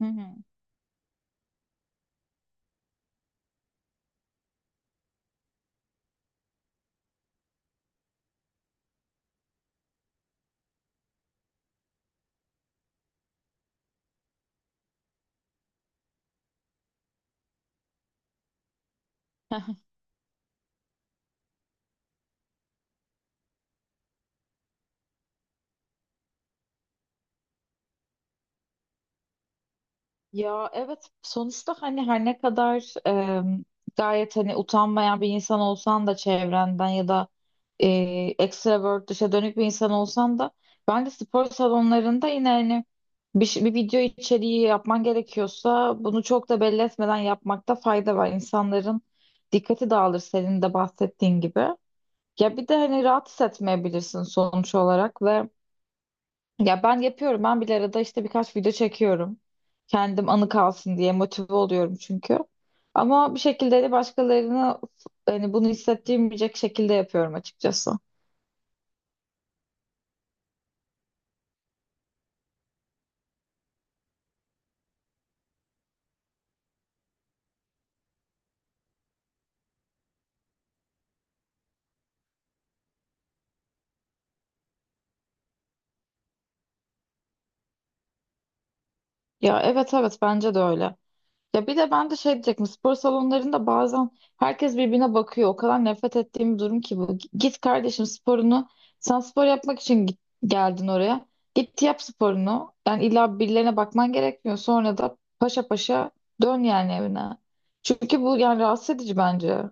Hı hı. Ya evet sonuçta hani her ne kadar gayet hani utanmayan bir insan olsan da çevrenden ya da e, extrovert dışa dönük bir insan olsan da bence spor salonlarında yine hani bir video içeriği yapman gerekiyorsa bunu çok da belli etmeden yapmakta fayda var. İnsanların dikkati dağılır senin de bahsettiğin gibi. Ya bir de hani rahat hissetmeyebilirsin sonuç olarak ve ya ben yapıyorum. Ben bile arada işte birkaç video çekiyorum. Kendim anı kalsın diye motive oluyorum çünkü. Ama bir şekilde de başkalarını hani bunu hissettirmeyecek şekilde yapıyorum açıkçası. Ya evet bence de öyle. Ya bir de ben de şey diyecektim spor salonlarında bazen herkes birbirine bakıyor. O kadar nefret ettiğim bir durum ki bu. Git kardeşim sporunu. Sen spor yapmak için git- Geldin oraya. Git yap sporunu. Yani illa birilerine bakman gerekmiyor. Sonra da paşa paşa dön yani evine. Çünkü bu yani rahatsız edici bence.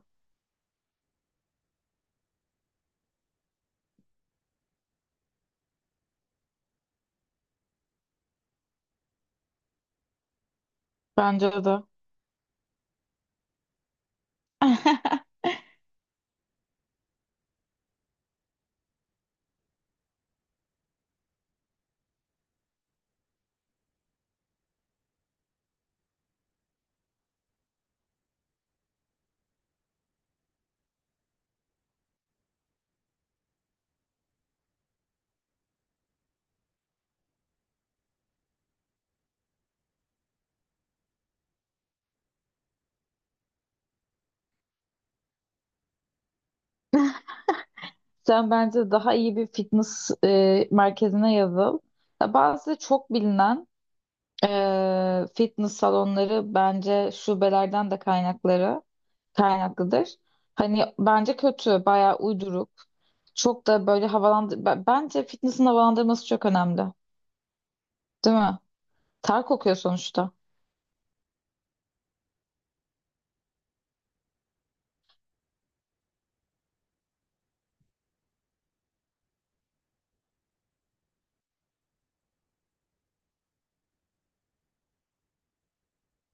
Bence de. Sen bence daha iyi bir fitness merkezine yazıl. Ya bazı çok bilinen fitness salonları bence şubelerden de kaynakları kaynaklıdır. Hani bence kötü, bayağı uyduruk. Çok da böyle havalandır... B- Bence fitness'ın havalandırması çok önemli. Değil mi? Ter kokuyor sonuçta.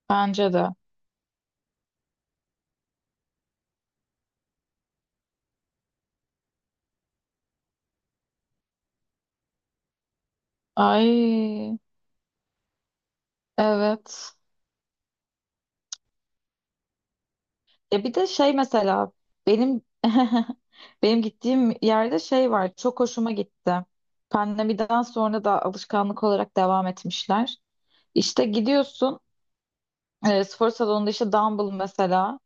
Bence de. Ay, evet. Ya bir de şey mesela benim benim gittiğim yerde şey var. Çok hoşuma gitti. Pandemiden sonra da alışkanlık olarak devam etmişler. İşte gidiyorsun. Spor salonunda işte dumbbell mesela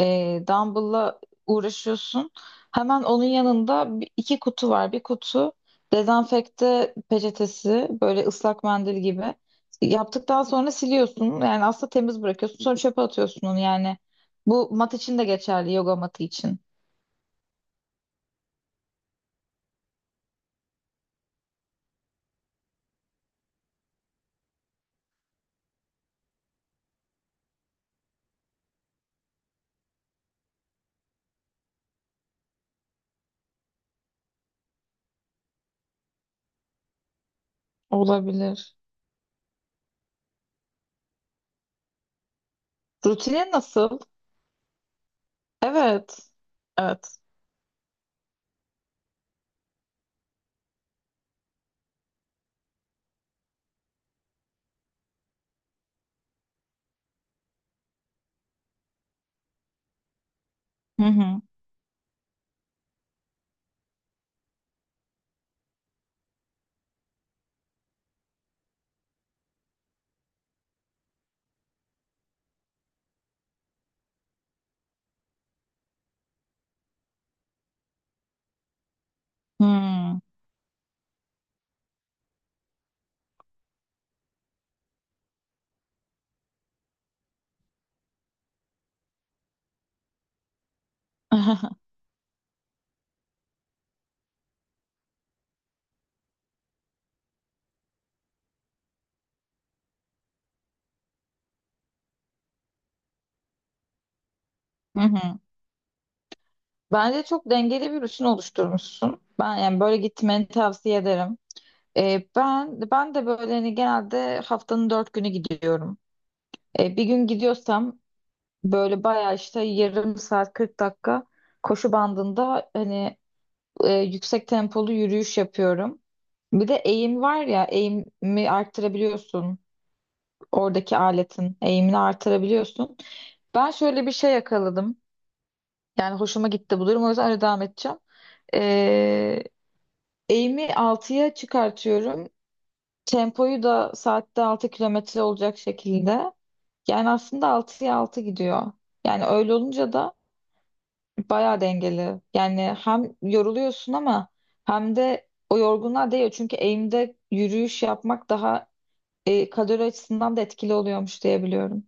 dumbbell'la uğraşıyorsun. Hemen onun yanında iki kutu var. Bir kutu dezenfekte peçetesi böyle ıslak mendil gibi. Yaptıktan sonra siliyorsun. Yani aslında temiz bırakıyorsun. Sonra çöpe atıyorsun onu yani. Bu mat için de geçerli, yoga matı için. Olabilir. Rutine nasıl? Evet. Evet. Hı hı. Hmm. Hı hı. Bence çok dengeli bir rutin oluşturmuşsun. Ben yani böyle gitmeni tavsiye ederim. Ben de böyle hani genelde haftanın dört günü gidiyorum. Bir gün gidiyorsam böyle bayağı işte yarım saat 40 dakika koşu bandında hani yüksek tempolu yürüyüş yapıyorum. Bir de eğim var ya eğimi arttırabiliyorsun. Oradaki aletin eğimini artırabiliyorsun. Ben şöyle bir şey yakaladım. Yani hoşuma gitti bu durum. O yüzden öyle devam edeceğim. Ee, Eğimi altıya çıkartıyorum. Tempoyu da saatte 6 kilometre olacak şekilde. Yani aslında altıya 6 gidiyor. Yani öyle olunca da bayağı dengeli. Yani hem yoruluyorsun ama hem de o yorgunluğa değiyor. Çünkü eğimde yürüyüş yapmak daha kalori açısından da etkili oluyormuş diye biliyorum.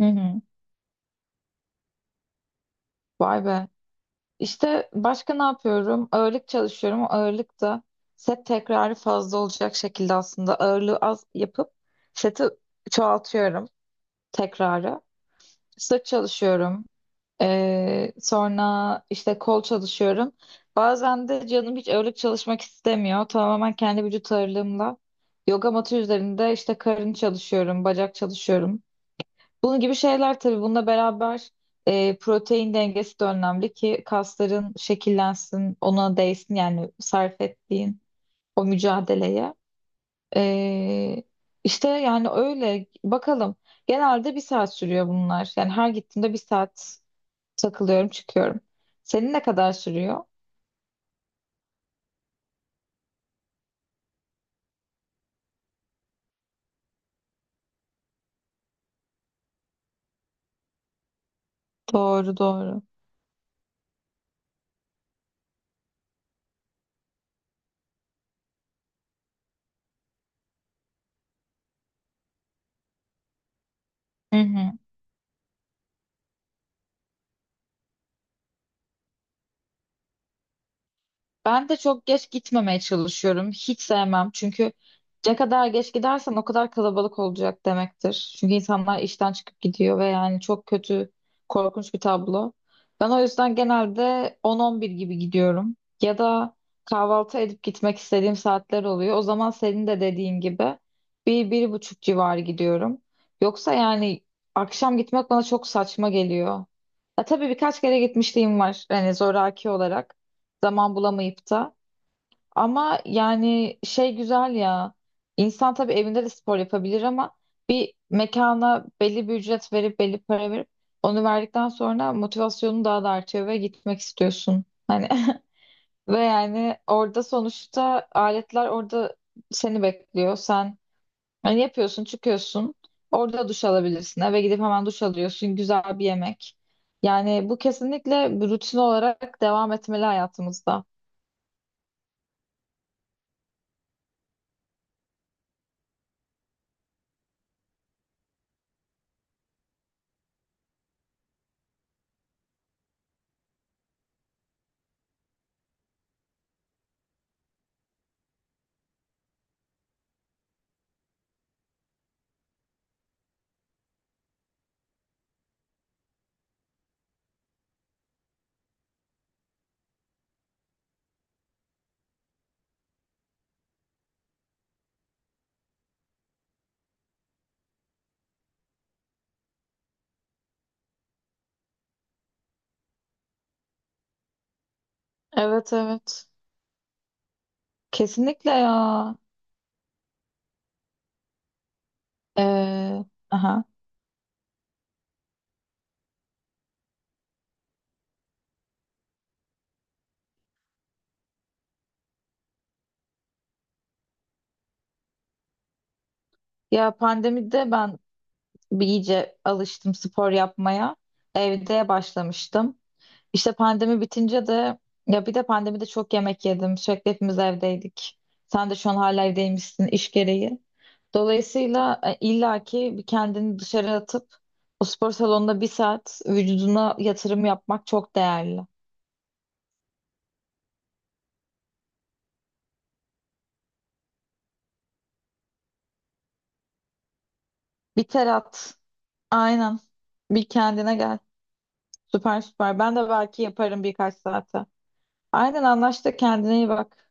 Hı hı. Vay be. İşte başka ne yapıyorum? Ağırlık çalışıyorum. O ağırlık da set tekrarı fazla olacak şekilde aslında ağırlığı az yapıp seti çoğaltıyorum tekrarı. Sırt çalışıyorum. Sonra işte kol çalışıyorum. Bazen de canım hiç ağırlık çalışmak istemiyor. Tamamen kendi vücut ağırlığımla. Yoga matı üzerinde işte karın çalışıyorum, bacak çalışıyorum. Bunun gibi şeyler tabii bununla beraber protein dengesi de önemli ki kasların şekillensin, ona değsin yani sarf ettiğin o mücadeleye. E, işte yani öyle bakalım. Genelde bir saat sürüyor bunlar. Yani her gittiğimde bir saat takılıyorum, çıkıyorum. Senin ne kadar sürüyor? Doğru, doğru. Hı hı. Ben de çok geç gitmemeye çalışıyorum. Hiç sevmem. Çünkü ne kadar geç gidersen o kadar kalabalık olacak demektir. Çünkü insanlar işten çıkıp gidiyor ve yani çok kötü, korkunç bir tablo. Ben o yüzden genelde 10-11 gibi gidiyorum. Ya da kahvaltı edip gitmek istediğim saatler oluyor. O zaman senin de dediğin gibi bir, bir buçuk civarı gidiyorum. Yoksa yani akşam gitmek bana çok saçma geliyor. Ya tabii birkaç kere gitmişliğim var hani zoraki olarak zaman bulamayıp da ama yani şey güzel ya insan tabii evinde de spor yapabilir ama mekana belli bir ücret verip belli para verip onu verdikten sonra motivasyonu daha da artıyor ve gitmek istiyorsun hani. Ve yani orada sonuçta aletler orada seni bekliyor sen yani yapıyorsun, çıkıyorsun. Orada duş alabilirsin. Eve gidip hemen duş alıyorsun. Güzel bir yemek. Yani bu kesinlikle bir rutin olarak devam etmeli hayatımızda. Evet. Kesinlikle ya. Ee, aha. Ya pandemide ben bir iyice alıştım spor yapmaya. Evde başlamıştım. İşte pandemi bitince de ya bir de pandemide çok yemek yedim. Sürekli hepimiz evdeydik. Sen de şu an hala evdeymişsin iş gereği. Dolayısıyla illaki bir kendini dışarı atıp o spor salonunda bir saat vücuduna yatırım yapmak çok değerli. Bir ter at. Aynen. Bir kendine gel. Süper. Ben de belki yaparım birkaç saate. Aynen anlaştık. Kendine iyi bak.